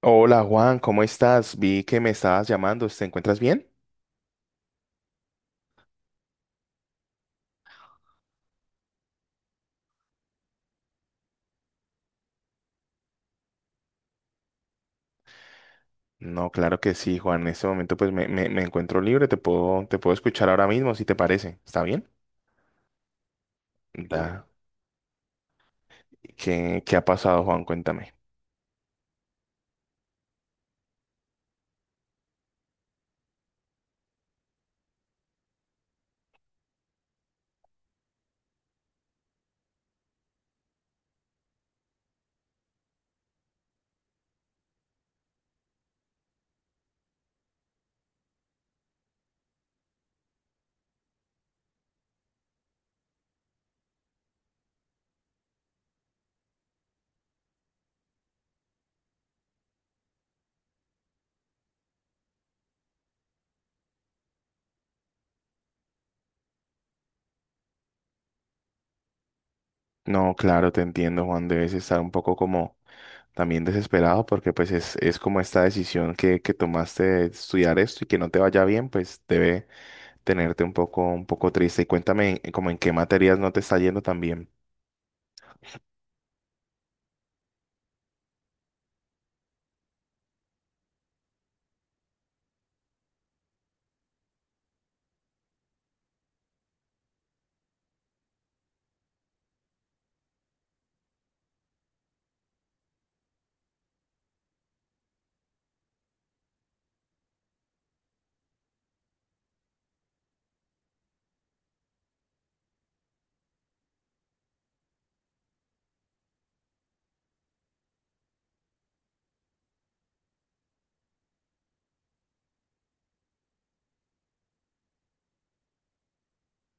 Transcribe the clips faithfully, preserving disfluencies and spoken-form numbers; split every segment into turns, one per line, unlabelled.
Hola Juan, ¿cómo estás? Vi que me estabas llamando, ¿te encuentras bien? No, claro que sí, Juan. En este momento pues me, me- me encuentro libre, te puedo, te puedo escuchar ahora mismo si te parece. ¿Está bien? Da. ¿Qué, qué ha pasado, Juan? Cuéntame. No, claro, te entiendo, Juan. Debes estar un poco como también desesperado porque pues es, es como esta decisión que, que tomaste de estudiar esto y que no te vaya bien, pues debe tenerte un poco, un poco triste. Y cuéntame como en qué materias no te está yendo tan bien.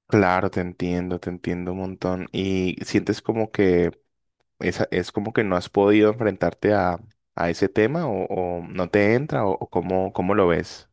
Claro, te entiendo, te entiendo un montón. Y sientes como que esa, es como que no has podido enfrentarte a, a ese tema o, o no te entra o, o cómo, cómo lo ves.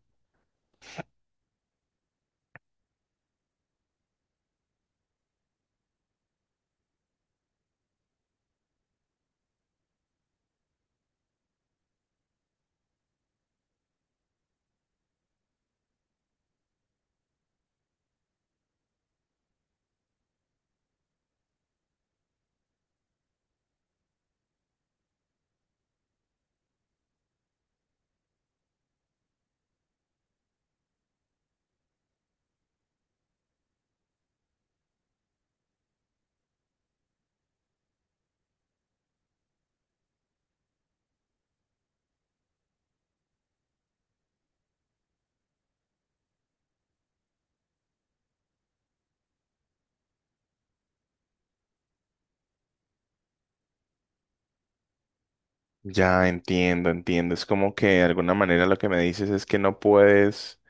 Ya entiendo, entiendo. Es como que de alguna manera lo que me dices es que no puedes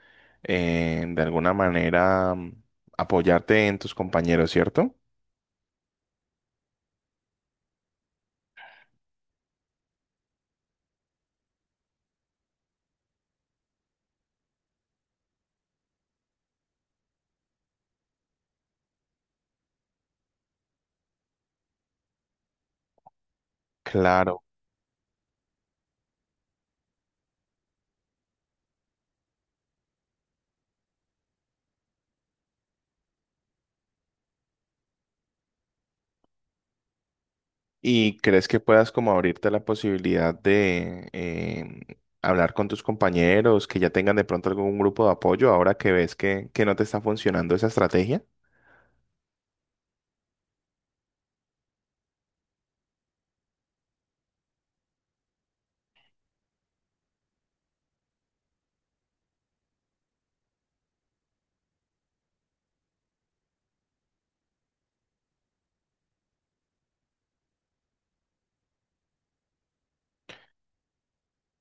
eh, de alguna manera mm, apoyarte en tus compañeros, ¿cierto? Claro. ¿Y crees que puedas como abrirte la posibilidad de em, hablar con tus compañeros que ya tengan de pronto algún grupo de apoyo ahora que ves que, que no te está funcionando esa estrategia?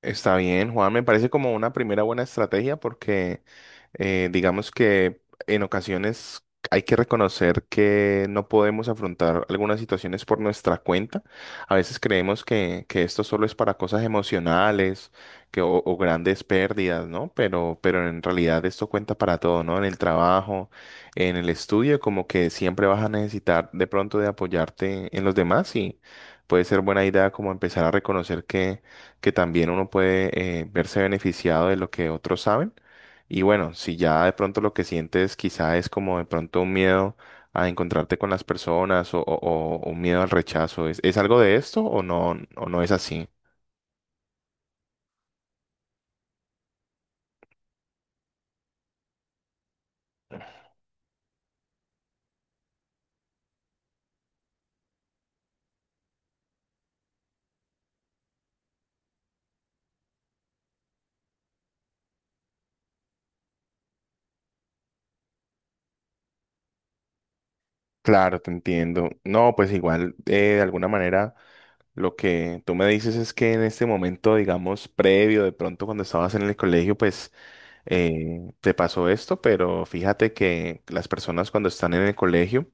Está bien, Juan, me parece como una primera buena estrategia porque eh, digamos que en ocasiones hay que reconocer que no podemos afrontar algunas situaciones por nuestra cuenta. A veces creemos que, que esto solo es para cosas emocionales que, o, o grandes pérdidas, ¿no? Pero, pero en realidad esto cuenta para todo, ¿no? En el trabajo, en el estudio, como que siempre vas a necesitar de pronto de apoyarte en los demás y puede ser buena idea como empezar a reconocer que que también uno puede eh, verse beneficiado de lo que otros saben. Y bueno, si ya de pronto lo que sientes quizá es como de pronto un miedo a encontrarte con las personas o, o- o un miedo al rechazo, ¿es, es algo de esto o no, o no es así? Claro, te entiendo. No, pues igual, eh, de alguna manera, lo que tú me dices es que en este momento, digamos, previo, de pronto cuando estabas en el colegio, pues eh, te pasó esto, pero fíjate que las personas cuando están en el colegio,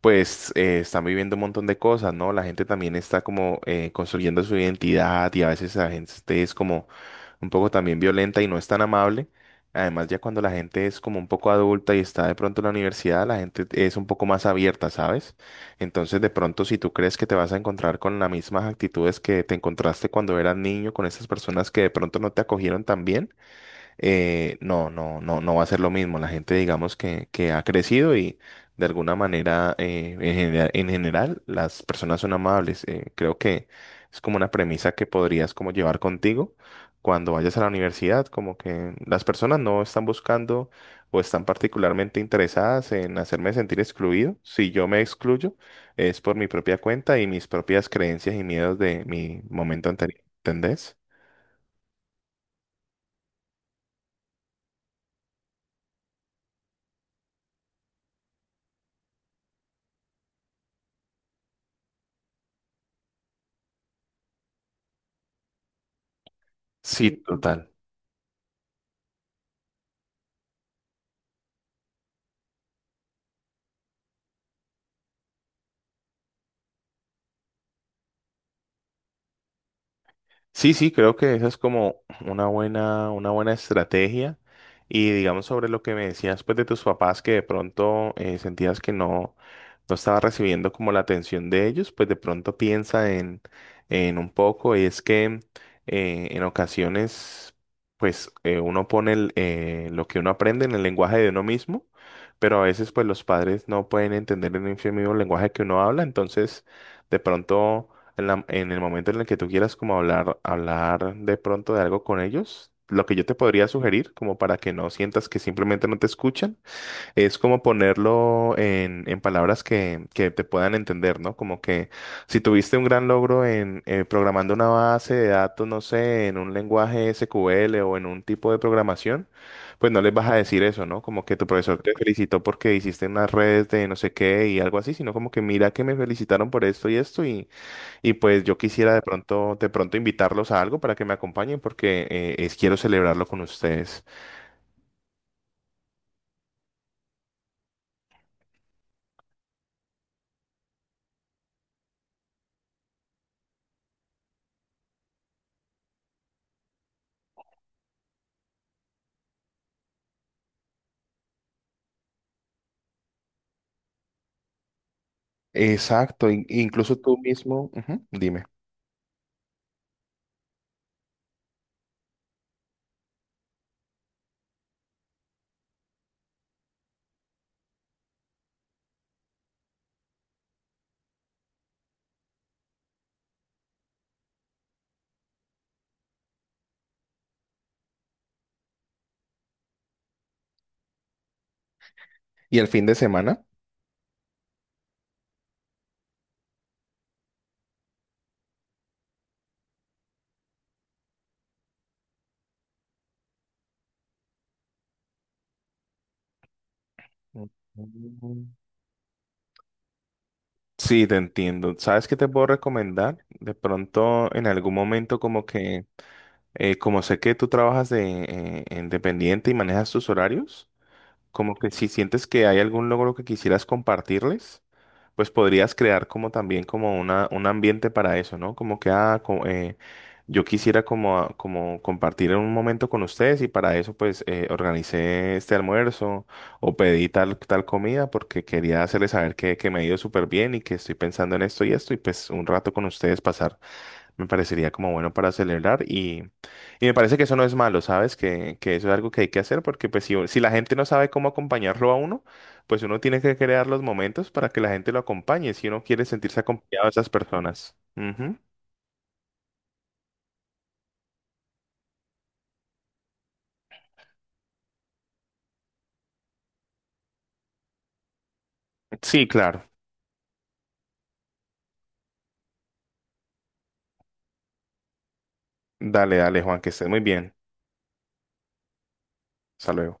pues eh, están viviendo un montón de cosas, ¿no? La gente también está como eh, construyendo su identidad y a veces la gente es como un poco también violenta y no es tan amable. Además, ya cuando la gente es como un poco adulta y está de pronto en la universidad, la gente es un poco más abierta, ¿sabes? Entonces, de pronto, si tú crees que te vas a encontrar con las mismas actitudes que te encontraste cuando eras niño, con esas personas que de pronto no te acogieron tan bien, eh, no, no, no, no va a ser lo mismo. La gente, digamos, que, que ha crecido y de alguna manera, eh, en general, en general, las personas son amables. Eh, creo que es como una premisa que podrías como llevar contigo cuando vayas a la universidad, como que las personas no están buscando o están particularmente interesadas en hacerme sentir excluido. Si yo me excluyo, es por mi propia cuenta y mis propias creencias y miedos de mi momento anterior. ¿Entendés? Sí, sí, total. Sí, sí, creo que esa es como una buena, una buena estrategia. Y digamos sobre lo que me decías pues de tus papás que de pronto eh, sentías que no, no estaba recibiendo como la atención de ellos, pues de pronto piensa en, en un poco y es que eh, en ocasiones pues eh, uno pone el, eh, lo que uno aprende en el lenguaje de uno mismo, pero a veces pues los padres no pueden entender en el mismo lenguaje que uno habla, entonces de pronto en la- en el momento en el que tú quieras como hablar, hablar de pronto de algo con ellos, lo que yo te podría sugerir, como para que no sientas que simplemente no te escuchan, es como ponerlo en, en palabras que, que te puedan entender, ¿no? Como que si tuviste un gran logro en eh, programando una base de datos, no sé, en un lenguaje S Q L o en un tipo de programación, pues no les vas a decir eso, ¿no? Como que tu profesor te felicitó porque hiciste unas redes de no sé qué y algo así, sino como que mira que me felicitaron por esto y esto y y pues yo quisiera de pronto, de pronto invitarlos a algo para que me acompañen porque eh, es- quiero celebrarlo con ustedes. Exacto, in- incluso tú mismo, ujú, dime. ¿Y el fin de semana? Mm. Sí, te entiendo. ¿Sabes qué te puedo recomendar? De pronto, en algún momento, como que, eh, como sé que tú trabajas de eh, independiente y manejas tus horarios, como que si sientes que hay algún logro que quisieras compartirles, pues podrías crear como también como una, un ambiente para eso, ¿no? Como que, ah, co- eh, yo quisiera como, a- como compartir un momento con ustedes y para eso pues eh, organicé este almuerzo o pedí tal, tal comida porque quería hacerles saber que, que me ha ido súper bien y que estoy pensando en esto y esto y pues un rato con ustedes pasar. Me parecería como bueno para celebrar y, y me parece que eso no es malo, ¿sabes? Que, que eso es algo que hay que hacer porque pues si, si la gente no sabe cómo acompañarlo a uno, pues uno tiene que crear los momentos para que la gente lo acompañe si uno quiere sentirse acompañado de esas personas. Ujú. Sí, claro. Dale, dale, Juan, que estés muy bien. Hasta luego.